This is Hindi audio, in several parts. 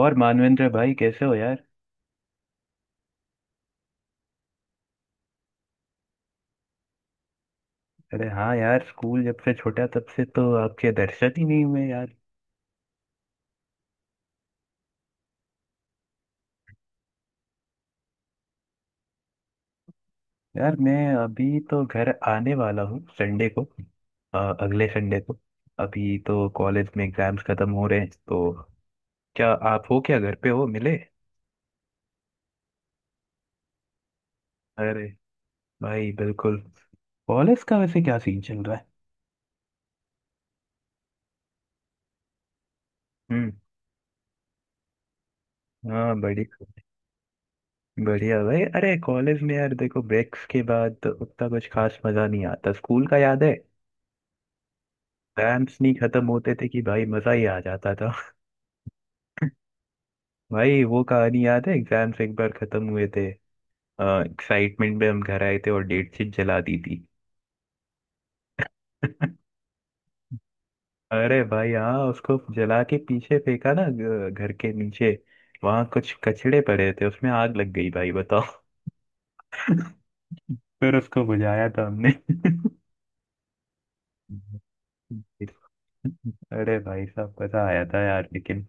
और मानवेंद्र भाई कैसे हो यार। अरे हाँ यार, स्कूल जब से छोटा तब से तो आपके दर्शन ही नहीं हुए यार। यार मैं अभी तो घर आने वाला हूँ संडे को। अगले संडे को। अभी तो कॉलेज में एग्जाम्स खत्म हो रहे हैं तो क्या आप हो, क्या घर पे हो, मिले। अरे भाई बिल्कुल। कॉलेज का वैसे क्या सीन चल रहा है। हम्म। हाँ बढ़िया। बढ़िया भाई, अरे कॉलेज में यार देखो ब्रेक्स के बाद उतना कुछ खास मजा नहीं आता, स्कूल का याद है। एग्जाम्स नहीं खत्म होते थे कि भाई मजा ही आ जाता था। भाई वो कहानी याद है, एग्जाम्स एक बार खत्म हुए थे। एक्साइटमेंट में हम घर आए थे और डेट शीट जला दी थी। अरे भाई हाँ, उसको जला के पीछे फेंका ना घर के नीचे। वहां कुछ कचड़े पड़े थे, उसमें आग लग गई भाई बताओ। फिर उसको बुझाया था हमने। अरे भाई साहब मजा आया था यार लेकिन।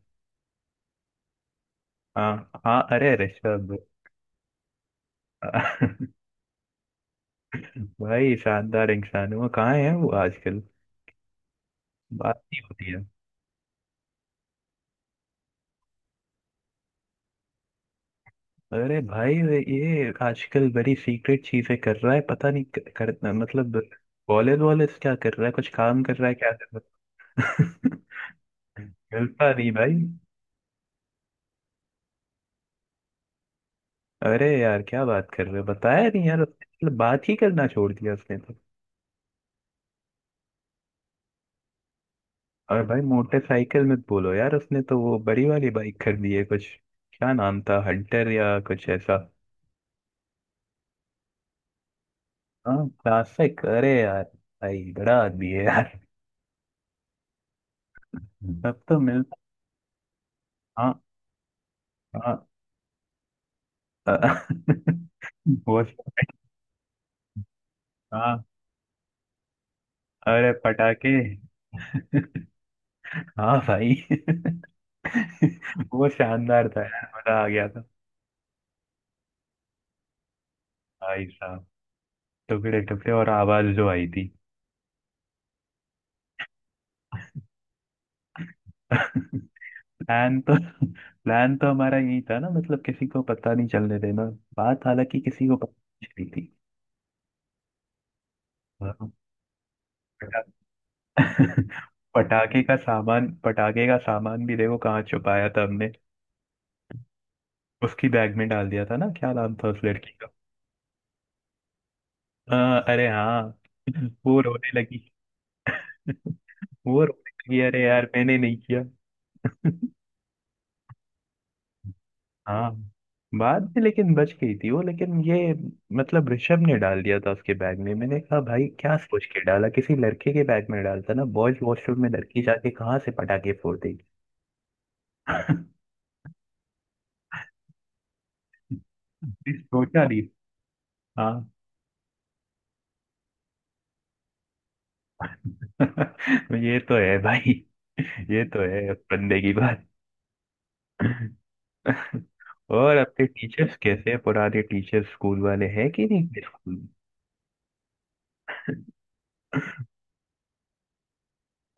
हाँ हाँ, अरे ऋषभ। भाई शानदार इंसान है वो। कहाँ है वो आजकल, बात नहीं होती है। अरे भाई ये आजकल बड़ी सीक्रेट चीजें कर रहा है, पता नहीं कर मतलब कॉलेज वॉलेज क्या कर रहा है, कुछ काम कर रहा है क्या कर रहा है। मिलता नहीं भाई। अरे यार क्या बात कर रहे हो, बताया नहीं यार उसने, मतलब बात ही करना छोड़ दिया उसने तो। और भाई मोटरसाइकिल मत बोलो यार, उसने तो वो बड़ी वाली बाइक खरीदी है कुछ। क्या नाम था, हंटर या कुछ ऐसा। हाँ क्लासिक, अरे यार भाई बड़ा आदमी है यार। तब तो मिलता। हाँ हाँ। अ- वो। हाँ, अरे पटाखे। हाँ भाई। वो शानदार था यार, मजा आ गया था। भाई साहब, टुकड़े टुकड़े और आवाज जो आई थी। प्लान तो प्लान तो हमारा यही था ना, मतलब किसी को पता नहीं चलने देना। बात हालांकि किसी को पता नहीं चली थी। हाँ, पटाखे का सामान भी देखो कहाँ छुपाया था हमने। उसकी बैग में डाल दिया था ना, क्या नाम था उस लड़की का। हाँ, अरे हाँ। वो रोने लगी। वो रोने लगी, अरे यार मैंने नहीं किया। हाँ बाद में लेकिन बच गई थी वो, लेकिन ये मतलब ऋषभ ने डाल दिया था उसके बैग में। मैंने कहा भाई क्या सोच के डाला, किसी लड़के के बैग में डालता ना, बॉयज वॉशरूम में लड़की जाके कहाँ से पटाखे फोड़ देगी। सोचा नहीं। हाँ। ये तो है भाई, ये तो है बंदे की बात। और आपके टीचर्स कैसे हैं? पुराने टीचर्स स्कूल वाले हैं कि नहीं अपने स्कूल में?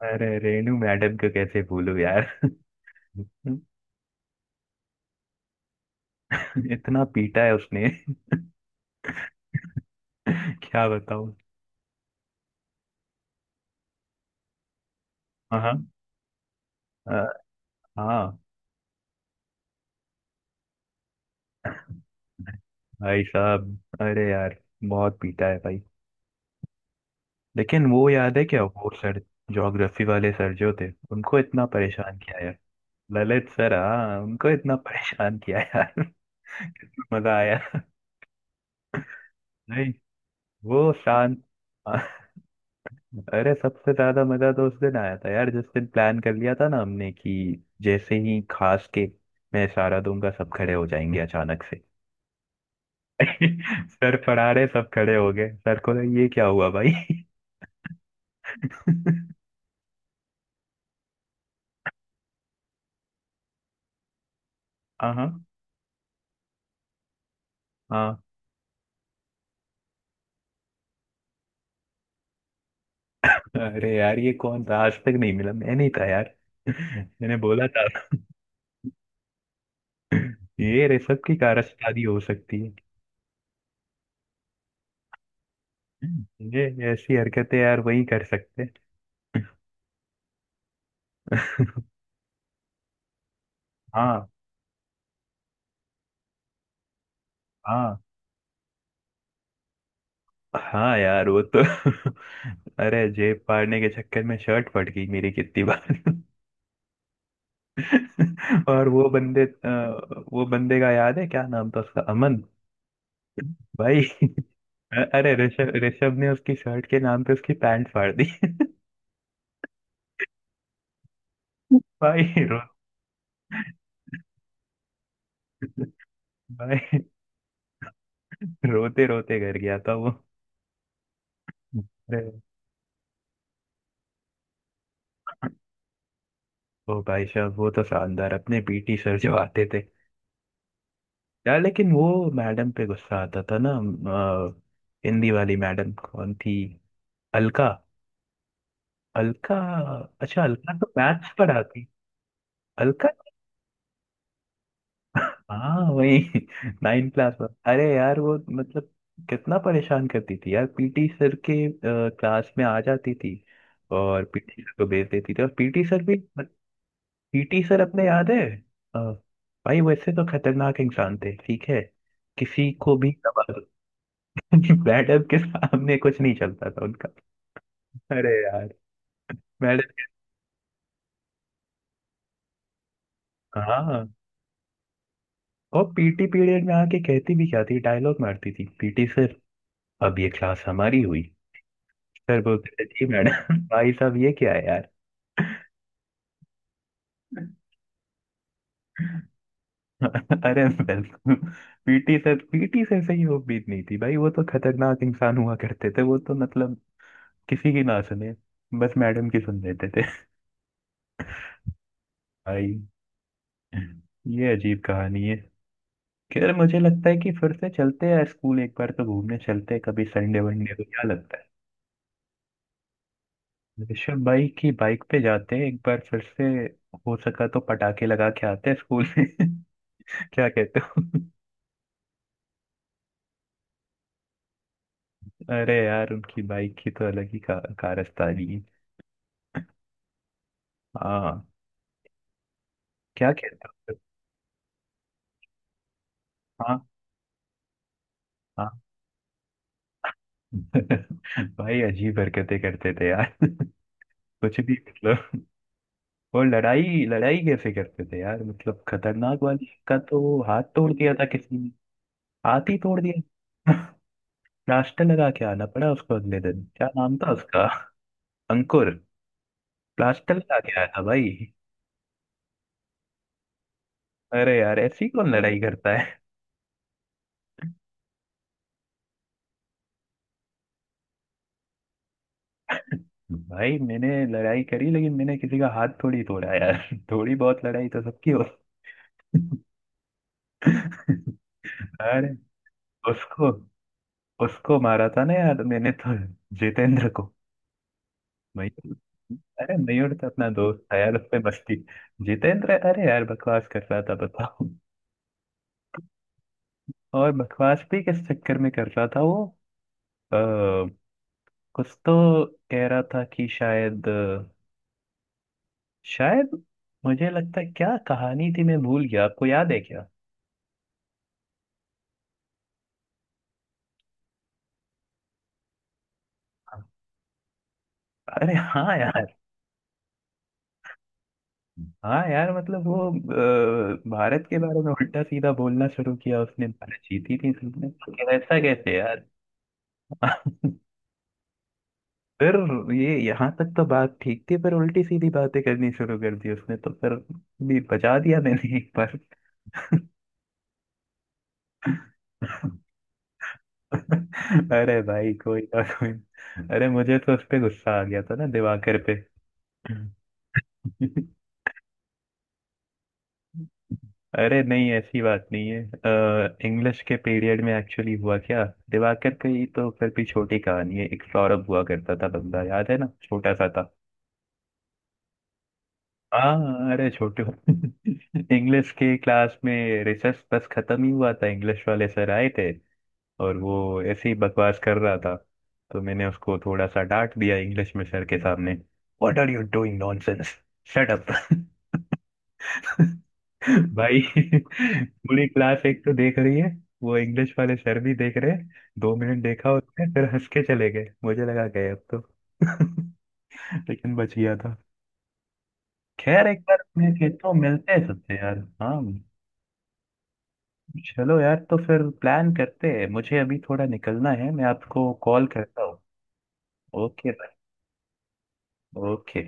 अरे रेनू मैडम को कैसे भूलूं यार। इतना पीटा है उसने। क्या बताऊं। हाँ। अ, हाँ भाई साहब, अरे यार बहुत पीटा है भाई। लेकिन वो याद है क्या, वो सर ज्योग्राफी वाले सर जो थे उनको इतना परेशान किया। ललित सर, हाँ उनको इतना परेशान किया यार। कितना मजा आया। नहीं वो शांत। अरे सबसे ज्यादा मजा तो उस दिन आया था यार जिस दिन प्लान कर लिया था ना हमने कि जैसे ही खास के मैं इशारा दूंगा सब खड़े हो जाएंगे अचानक से। सर पढ़ा रहे, सब खड़े हो गए, सर को लगा ये क्या हुआ भाई। हाँ हाँ हाँ। अरे यार ये कौन था आज तक नहीं मिला, मैं नहीं था यार। मैंने बोला था। ये रेशम की कारस्तानी हो सकती है। ये ऐसी हरकतें यार वही कर सकते हैं। हाँ हाँ। हाँ यार वो तो। अरे जेब फाड़ने के चक्कर में शर्ट फट गई मेरी कितनी बार। और वो बंदे का याद है क्या नाम था उसका, अमन। भाई। अरे ऋषभ ऋषभ ने उसकी शर्ट के नाम पे उसकी पैंट फाड़ दी। भाई रो, भाई रोते रोते घर गया था वो। अरे ओ भाई साहब, वो तो शानदार अपने पीटी सर जो आते थे। यार लेकिन वो मैडम पे गुस्सा आता था ना। अ, हिंदी वाली मैडम कौन थी, अलका। अलका। अच्छा, अलका तो मैथ्स पढ़ाती। अलका। हाँ वही, नाइन क्लास में। अरे यार वो मतलब कितना परेशान करती थी यार, पीटी सर के क्लास में आ जाती थी और पीटी सर को भेज देती थी। और पीटी सर भी, पीटी सर अपने याद है, अ, भाई वैसे तो खतरनाक इंसान थे, ठीक है किसी को भी दबा। मैडम के सामने कुछ नहीं चलता था उनका। अरे यार मैडम। हाँ और पीटी पीरियड में आके कहती भी क्या थी, डायलॉग मारती थी, पीटी सर अब ये क्लास हमारी हुई। सर बोलते थे जी मैडम, भाई साहब ये क्या है यार। अरे बिल्कुल। पीटी सर से ही उम्मीद नहीं थी भाई, वो तो खतरनाक इंसान हुआ करते थे, वो तो मतलब किसी की ना सुने, बस मैडम की सुन लेते थे। भाई ये अजीब कहानी है। खैर, मुझे लगता है कि फिर से चलते हैं स्कूल, एक बार तो घूमने चलते हैं कभी संडे वनडे को, क्या लगता है ऋषभ भाई की बाइक पे जाते हैं एक बार फिर से। हो सका तो पटाखे लगा के आते हैं स्कूल में। क्या कहते हो। अरे यार उनकी बाइक की तो अलग ही कारस्तानी है। हाँ। क्या कहते हो। हाँ हाँ। भाई अजीब हरकतें करते थे यार। कुछ भी मतलब। और लड़ाई लड़ाई कैसे करते थे यार, मतलब खतरनाक वाली, का तो हाथ तोड़ दिया था किसी ने, हाथी तोड़ दिया। प्लास्टर लगा के आना पड़ा उसको अगले दिन, क्या नाम था उसका, अंकुर। प्लास्टर लगा के आया था भाई। अरे यार ऐसी कौन लड़ाई करता है। भाई मैंने लड़ाई करी लेकिन मैंने किसी का हाथ थोड़ी तोड़ा यार। थोड़ी बहुत लड़ाई तो सबकी हो। अरे उसको उसको मारा था ना यार मैंने तो, जितेंद्र को। मयूर। अरे मयूर तो अपना दोस्त था यार, उसमें मस्ती। जितेंद्र, अरे यार बकवास कर रहा था बताओ। और बकवास भी किस चक्कर में कर रहा था वो, आ, कुछ तो कह रहा था कि शायद शायद मुझे लगता है, क्या कहानी थी मैं भूल गया, आपको याद है क्या। अरे हाँ यार। हाँ यार मतलब वो, भारत के बारे में उल्टा सीधा बोलना शुरू किया उसने, भारत जीती थी, उसने ऐसा कैसे यार। फिर ये यहाँ तक तो बात ठीक थी, पर उल्टी सीधी बातें करनी शुरू कर दी उसने तो फिर भी बचा दिया मैंने एक बार। अरे भाई कोई ना, कोई ना। अरे मुझे तो उस पे गुस्सा आ गया था ना, दिवाकर पे। अरे नहीं ऐसी बात नहीं है। इंग्लिश के पीरियड में एक्चुअली हुआ क्या, दिवाकर की तो फिर भी छोटी कहानी है, एक सौरभ हुआ करता था बंदा, याद है ना, छोटा सा था। हाँ, अरे छोटू। इंग्लिश के क्लास में रिसर्च बस खत्म ही हुआ था, इंग्लिश वाले सर आए थे और वो ऐसे ही बकवास कर रहा था, तो मैंने उसको थोड़ा सा डांट दिया इंग्लिश में सर के सामने। What are you doing nonsense, shut up. भाई पूरी क्लास एक तो देख रही है, वो इंग्लिश वाले सर भी देख रहे हैं। 2 मिनट देखा उसने, फिर हंस के चले गए, मुझे लगा गए अब तो। लेकिन बच गया था। खैर एक बार मैं कहता हूँ मिलते हैं सबसे यार। हाँ चलो यार, तो फिर प्लान करते हैं, मुझे अभी थोड़ा निकलना है, मैं आपको कॉल करता हूँ। ओके। ओके।